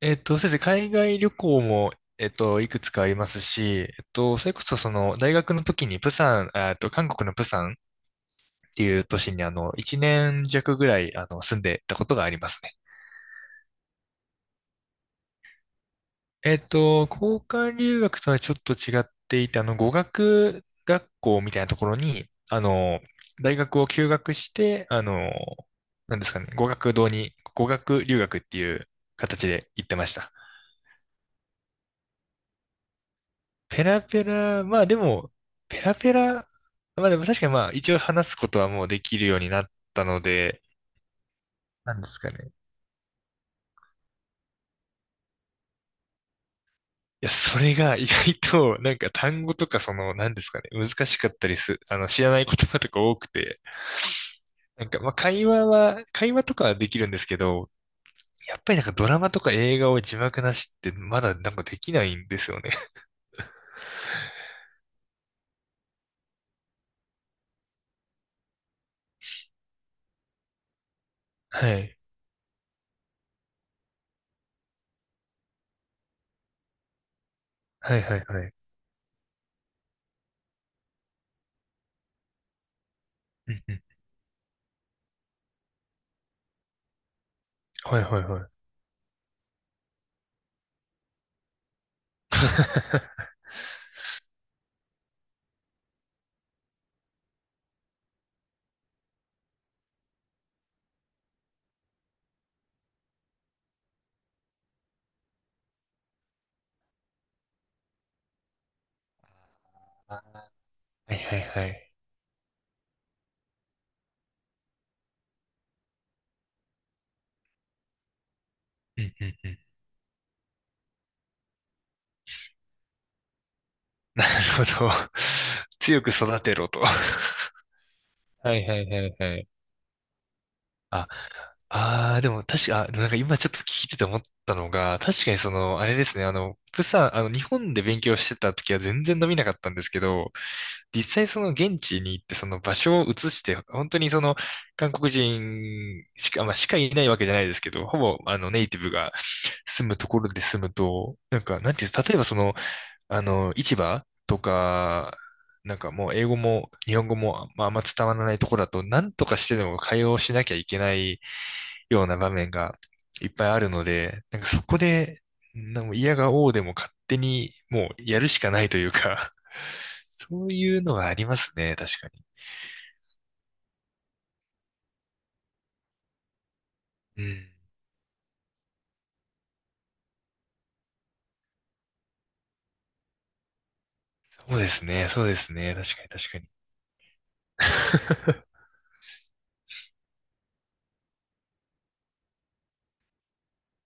先生、海外旅行も、いくつかありますし、それこそ、その、大学の時に、プサン、あえっと、韓国のプサンっていう都市に、1年弱ぐらい、住んでたことがありますね。交換留学とはちょっと違っていて、語学学校みたいなところに、大学を休学して、なんですかね、語学堂に、語学留学っていう形で行ってました。ペラペラ、まあでも、ペラペラ、まあでも確かにまあ一応話すことはもうできるようになったので、なんですかね。いや、それが 意外と、なんか単語とかその、なんですかね、難しかったりす、あの、知らない言葉とか多くて、なんかまあ会話とかはできるんですけど、やっぱりなんかドラマとか映画を字幕なしってまだなんかできないんですよね。はい。はいはいはい。うんうん。はいはいはい。あ、はいはいはい。うんうんうん。なるほど。強く育てろと。はいはいはいはい。ああー、でも確か、あ、でもなんか今ちょっと聞いてて思ったのが、確かにその、あれですね、あの、プサン、あの、日本で勉強してた時は全然伸びなかったんですけど、実際その現地に行ってその場所を移して、本当にその、韓国人しか、まあ、いないわけじゃないですけど、ほぼ、ネイティブが住むところで住むと、なんか、なんていうんです、例えばその、市場とか、なんかもう英語も日本語も、まあ、あんま伝わらないところだと、なんとかしてでも会話をしなきゃいけないような場面がいっぱいあるので、なんかそこで、なんか嫌が応でも勝手にもうやるしかないというか そういうのがありますね、確かに。うん。そうですね、そうですね、確かに確かに。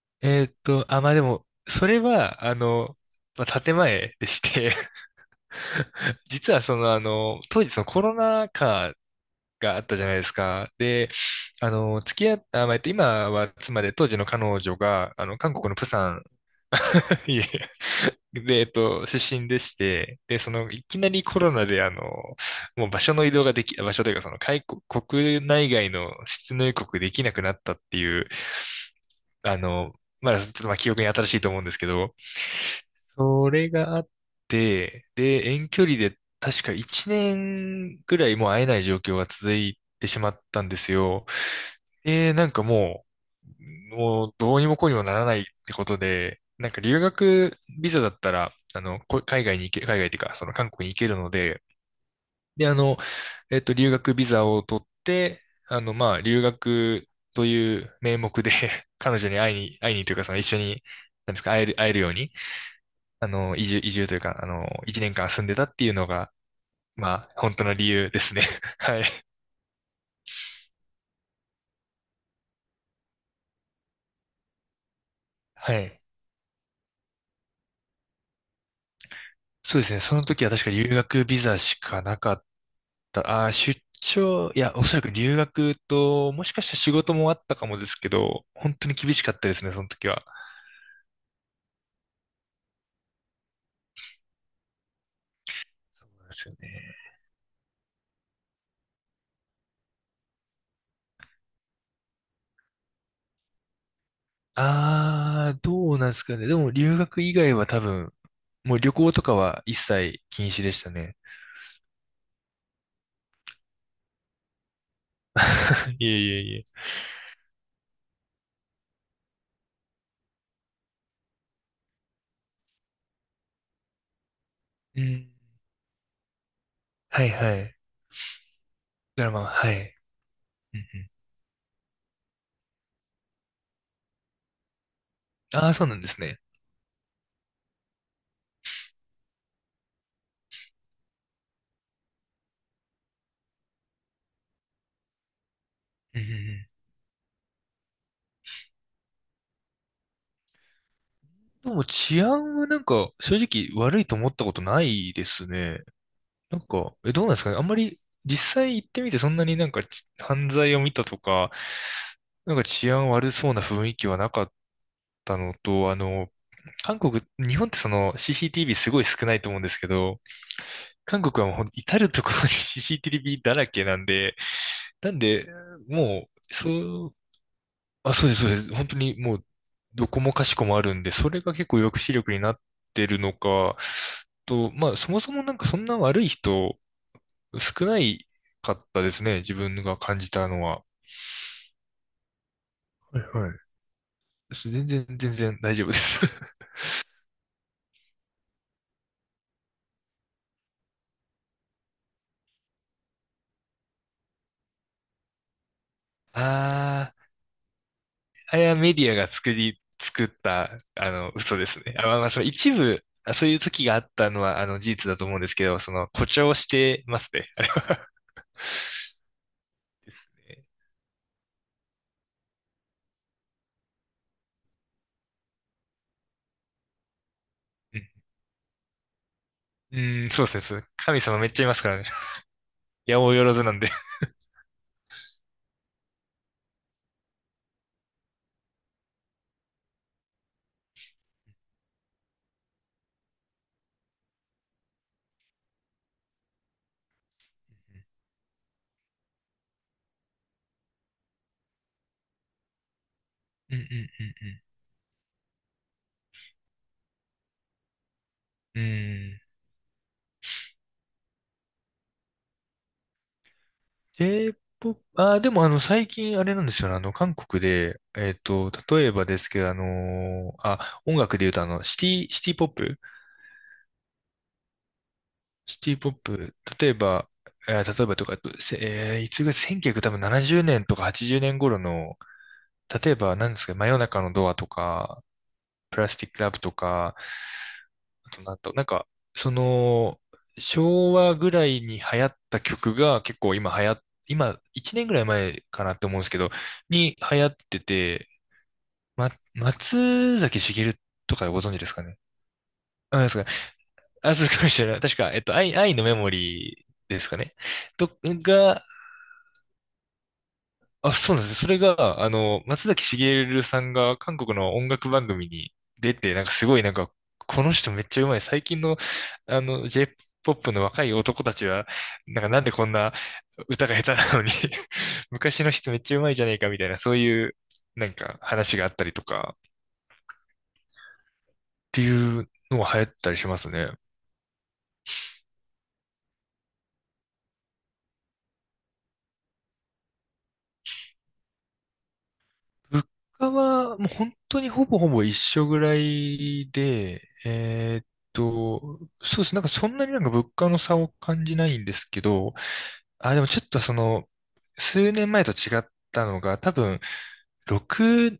あ、まあでも、それは、まあ、建前でして。 実は当時そのコロナ禍があったじゃないですか。で、付き合った、まあ、今は妻で当時の彼女が、韓国のプサン、いえいえ、で、出身でして、で、その、いきなりコロナで、もう場所の移動ができ、場所というか、その、国内外の出入国できなくなったっていう、あの、まだちょっとまあ記憶に新しいと思うんですけど、それがあって、で、遠距離で確か1年ぐらいもう会えない状況が続いてしまったんですよ。で、なんかう、もうどうにもこうにもならないってことで、なんか留学ビザだったら、海外に行け、海外っていうか、その韓国に行けるので、で、留学ビザを取って、まあ、留学という名目で 彼女に会いに、会いにというか、その一緒に、なんですか、会える、会えるように、移住、移住というか、1年間住んでたっていうのが、まあ、本当の理由ですね。はい。はい。そうですね。その時は確か留学ビザしかなかった。あー、出張、いや、おそらく留学と、もしかしたら仕事もあったかもですけど、本当に厳しかったですね、その時は。そうなんですよね。あー、どうなんですかね。でも留学以外は多分、もう旅行とかは一切禁止でしたね。いえいえいえ。うん。はいはい。ドラマは、はい。うんうん、ああ、そうなんですね。うんうんうん。でも治安はなんか正直悪いと思ったことないですね。なんか、え、どうなんですかね。あんまり実際行ってみてそんなになんか犯罪を見たとか、なんか治安悪そうな雰囲気はなかったのと、韓国、日本ってその CCTV すごい少ないと思うんですけど、韓国はもう至るところに CCTV だらけなんで、なんで、もう、そうです、そうです。本当にもう、どこもかしこもあるんで、それが結構抑止力になってるのか、と、まあ、そもそもなんかそんな悪い人、少ないかったですね。自分が感じたのは。はいはい。全然、全然大丈夫です。あー、あれはメディアが作った、嘘ですね。あ、まあその一部、そういう時があったのは、事実だと思うんですけど、その、誇張してますね。あれは。ですね。うん、うん、そうですね。そう神様めっちゃいますからね。やおうよらずなんで。うんうんうんうん。うん。J-POP、でもあの、最近あれなんですよね。韓国で、例えばですけど、音楽で言うとシティポップ、例えば、例えばとか、せえーいつぐらい、1 9 0多分70年とか80年頃の、例えば、何ですか、真夜中のドアとか、プラスティックラブとか、あとなんか、その、昭和ぐらいに流行った曲が結構今流行っ、今、1年ぐらい前かなって思うんですけど、に流行ってて、松崎しげるとかご存知ですかね。あ、ですか。あ、そうかもしれない。確か、愛のメモリーですかねと、が、あ、そうなんですね。それが、松崎しげるさんが韓国の音楽番組に出て、なんかすごいこの人めっちゃうまい。最近の、J-POP の若い男たちは、なんかなんでこんな歌が下手なのに 昔の人めっちゃうまいじゃねえかみたいな、そういう、なんか話があったりとか、っていうのも流行ったりしますね。物価はもう本当にほぼほぼ一緒ぐらいで、と、そうです。なんかそんなになんか物価の差を感じないんですけど、あ、でもちょっとその、数年前と違ったのが、多分、6、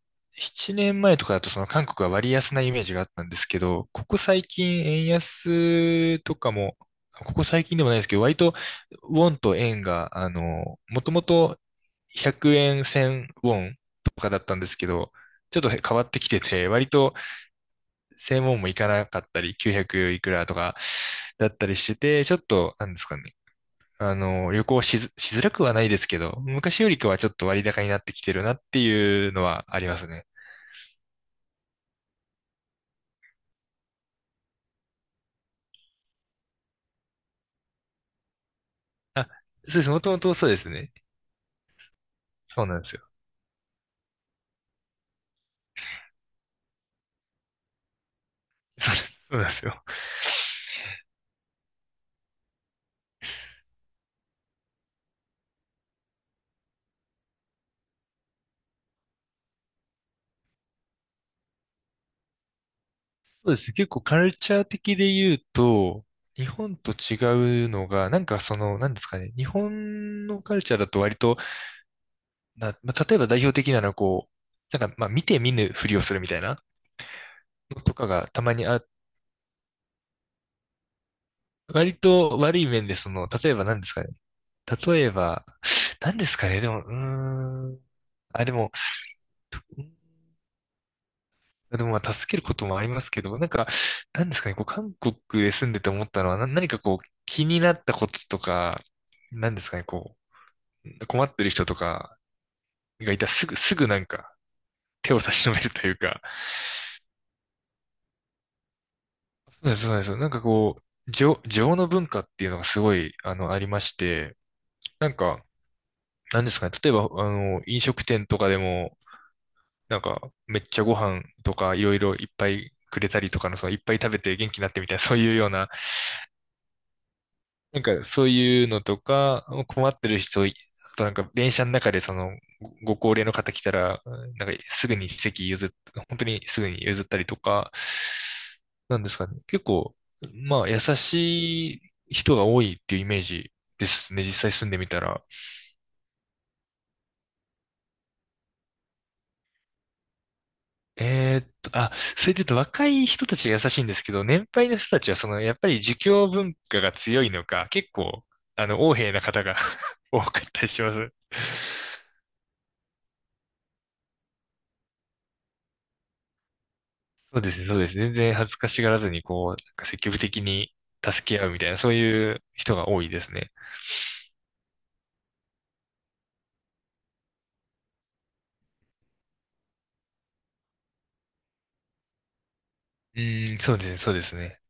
7年前とかだとその韓国は割安なイメージがあったんですけど、ここ最近円安とかも、ここ最近でもないですけど、割とウォンと円が、もともと100円1000ウォンとかだったんですけど、ちょっと変わってきてて、割と1000ウォンもいかなかったり、900いくらとかだったりしてて、ちょっと、なんですかね。旅行しず、しづらくはないですけど、昔よりかはちょっと割高になってきてるなっていうのはありますね。あ、そうです。もともとそうですね。そうなんですよ。そうです。そうなんですよ。そうですね。結構カルチャー的で言うと、日本と違うのが、なんかその、なんですかね。日本のカルチャーだと割と、まあ、例えば代表的なのはこう、なんかまあ見て見ぬふりをするみたいなのとかがたまにあ、割と悪い面でその、例えばなんですかね。例えば、なんですかね。でも、うーん。あ、でもまあ助けることもありますけど、なんか、なんですかね、こう韓国で住んでて思ったのは、何かこう気になったこととか、なんですかね、こう困ってる人とかがいたらすぐなんか手を差し伸べるというか、そうなんです、そうなんですよ。なんかこう、情の文化っていうのがすごい、ありまして、なんか、なんですかね、例えば、飲食店とかでも、なんか、めっちゃご飯とかいろいろいっぱいくれたりとかの、そのいっぱい食べて元気になってみたいな、そういうような、なんかそういうのとか、困ってる人い、あとなんか電車の中でご高齢の方来たら、なんかすぐに席譲っ、本当にすぐに譲ったりとか、なんですかね。結構、まあ優しい人が多いっていうイメージですね。実際住んでみたら。あ、それで言うと若い人たちが優しいんですけど、年配の人たちはその、やっぱり儒教文化が強いのか、結構、横柄な方が 多かったりします。そうですね、そうです。全然恥ずかしがらずに、こう、なんか積極的に助け合うみたいな、そういう人が多いですね。うーん、そうですね、そうですね。